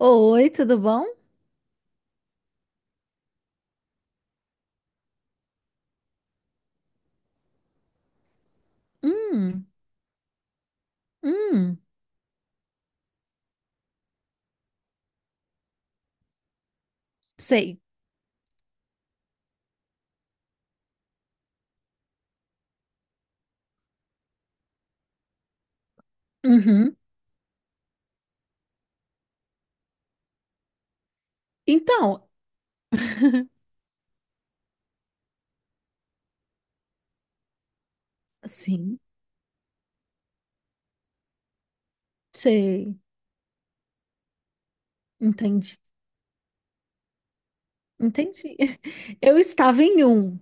Oi, tudo bom? Hum, hum, Sei. Uhum. Então, sim, sei. Entendi, entendi. Eu estava em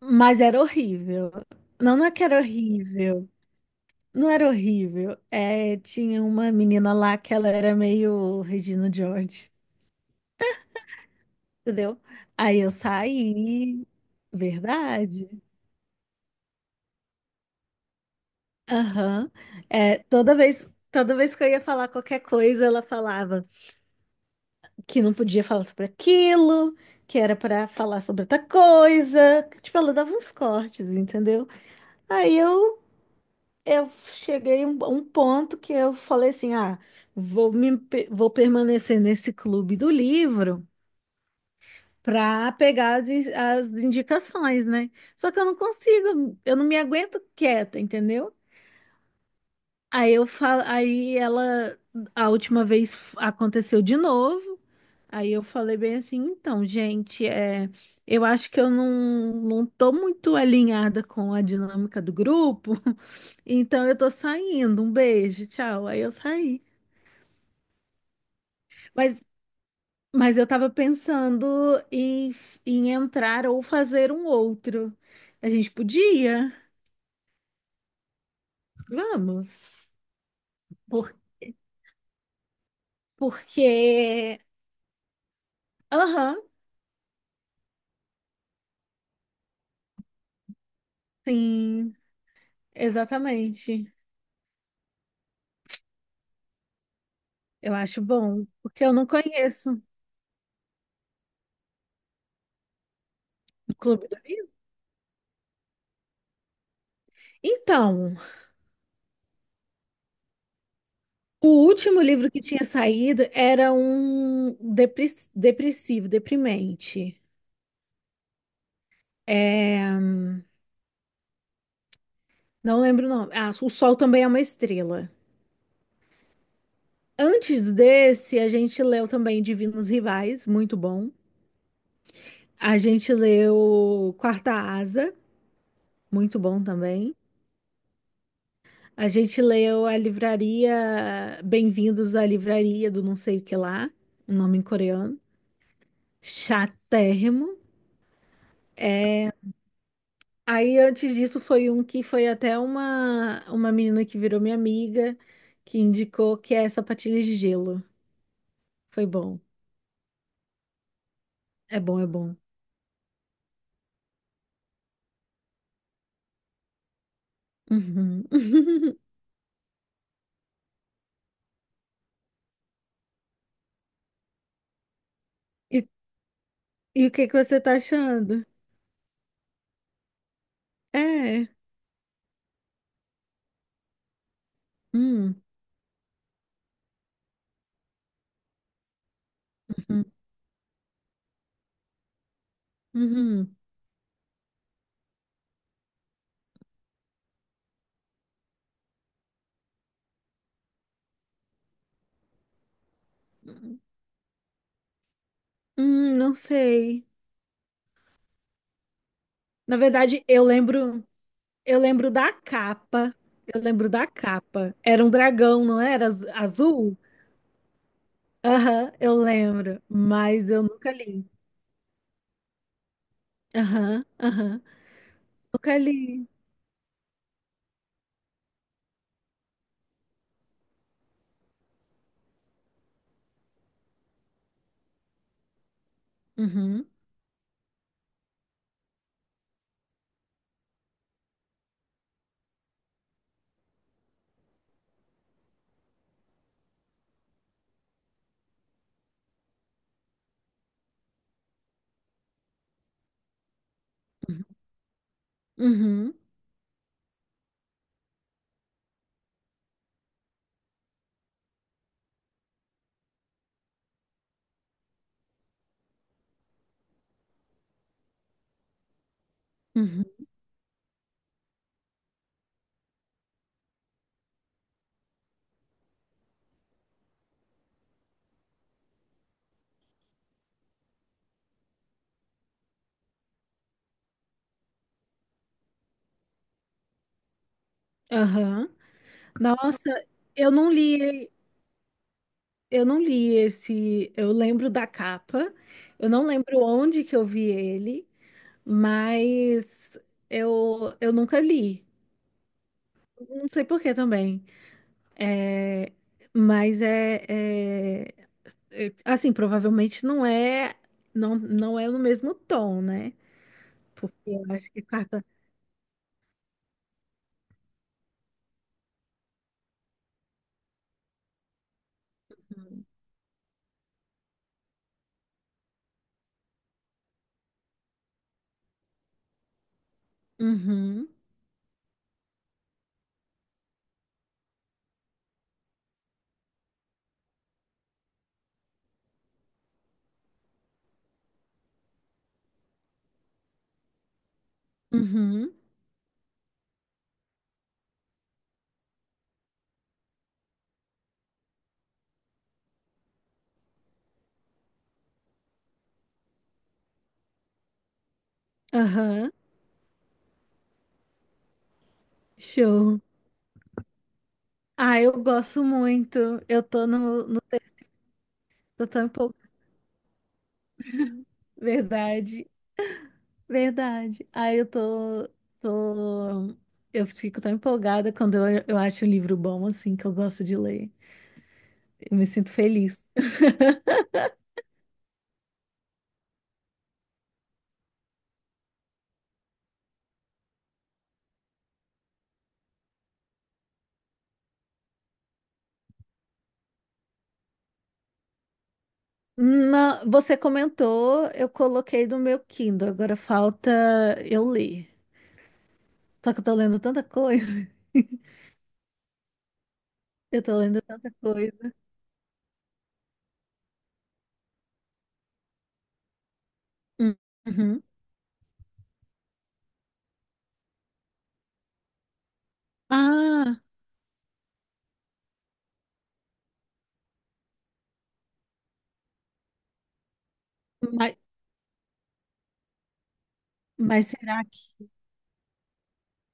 mas era horrível. Não, não é que era horrível. Não era horrível. É, tinha uma menina lá que ela era meio Regina George, entendeu? Aí eu saí. Verdade. Aham. É, toda vez que eu ia falar qualquer coisa, ela falava. Que não podia falar sobre aquilo, que era para falar sobre outra coisa. Tipo, ela dava uns cortes, entendeu? Aí eu cheguei a um ponto que eu falei assim: ah, vou permanecer nesse clube do livro. Para pegar as indicações, né? Só que eu não consigo, eu não me aguento quieta, entendeu? Aí eu falo, aí ela, a última vez aconteceu de novo. Aí eu falei bem assim, então, gente, eu acho que eu não tô muito alinhada com a dinâmica do grupo, então eu tô saindo, um beijo, tchau. Aí eu saí. Mas, mas eu tava pensando em, em entrar ou fazer um outro. A gente podia? Vamos. Por, porque, aham, sim, exatamente. Eu acho bom, porque eu não conheço o Clube do Livro. Então. O último livro que tinha saído era um depressivo, deprimente. É, não lembro o nome. Ah, O Sol Também é uma Estrela. Antes desse, a gente leu também Divinos Rivais, muito bom. A gente leu Quarta Asa, muito bom também. A gente leu a livraria Bem-vindos à Livraria do não sei o que lá, um nome em coreano. Chatérrimo. É, Aí antes disso foi um que foi até uma menina que virou minha amiga, que indicou que é sapatilhas de gelo. Foi bom. É bom, é bom. Uhum. E, e o que que você tá achando? É. Hum. Uhum. Uhum. Hum, não sei. Na verdade, eu lembro da capa. Eu lembro da capa. Era um dragão, não era? Azul? Aham, eu lembro, mas eu nunca li. Aham, aham. Nunca li. Uhum, uhum, uhum, aham. Nossa, eu não li, eu não li esse, eu lembro da capa, eu não lembro onde que eu vi ele, mas eu nunca li. Não sei por que também. É, mas assim, provavelmente não é no mesmo tom, né? Porque eu acho que carta. Uhum, uhum, aham, show. Ah, eu gosto muito. Eu tô no, no Eu tô um pouco. Verdade, verdade. Ah, eu tô. Eu fico tão empolgada quando eu acho um livro bom, assim, que eu gosto de ler. Eu me sinto feliz. Você comentou, eu coloquei no meu Kindle, agora falta eu ler. Só que eu tô lendo tanta coisa. Eu tô lendo tanta coisa. Hum, uhum. Ah, mas, mas será que,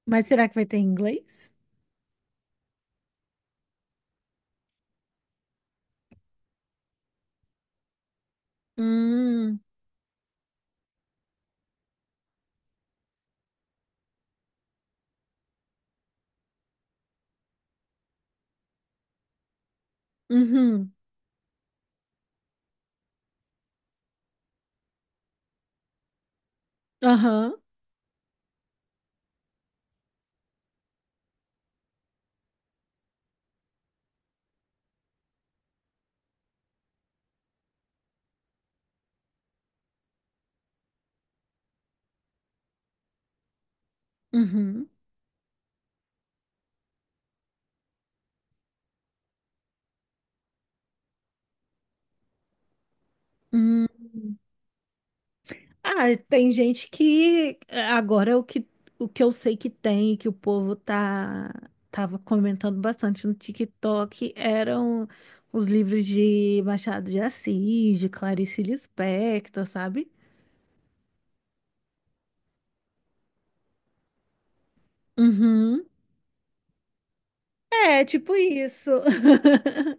mas será que vai ter em inglês? Hum. Uhum. Aham. Uhum. Hum. Ah, tem gente que agora é o que eu sei que tem, que o povo tava comentando bastante no TikTok, eram os livros de Machado de Assis, de Clarice Lispector, sabe? Uhum. É, tipo isso.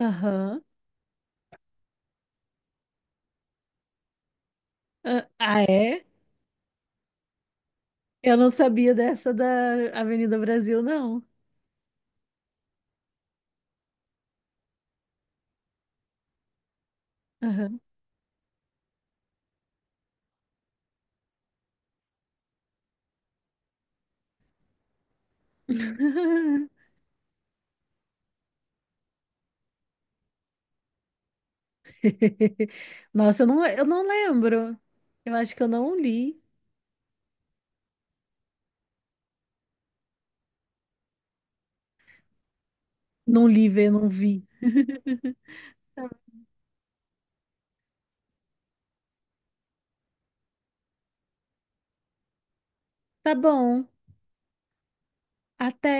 Aham. Ah, ah, é? Eu não sabia dessa da Avenida Brasil, não. Aham. Nossa, eu não lembro. Eu acho que eu não li. Não li, não vi. Tá bom. Até.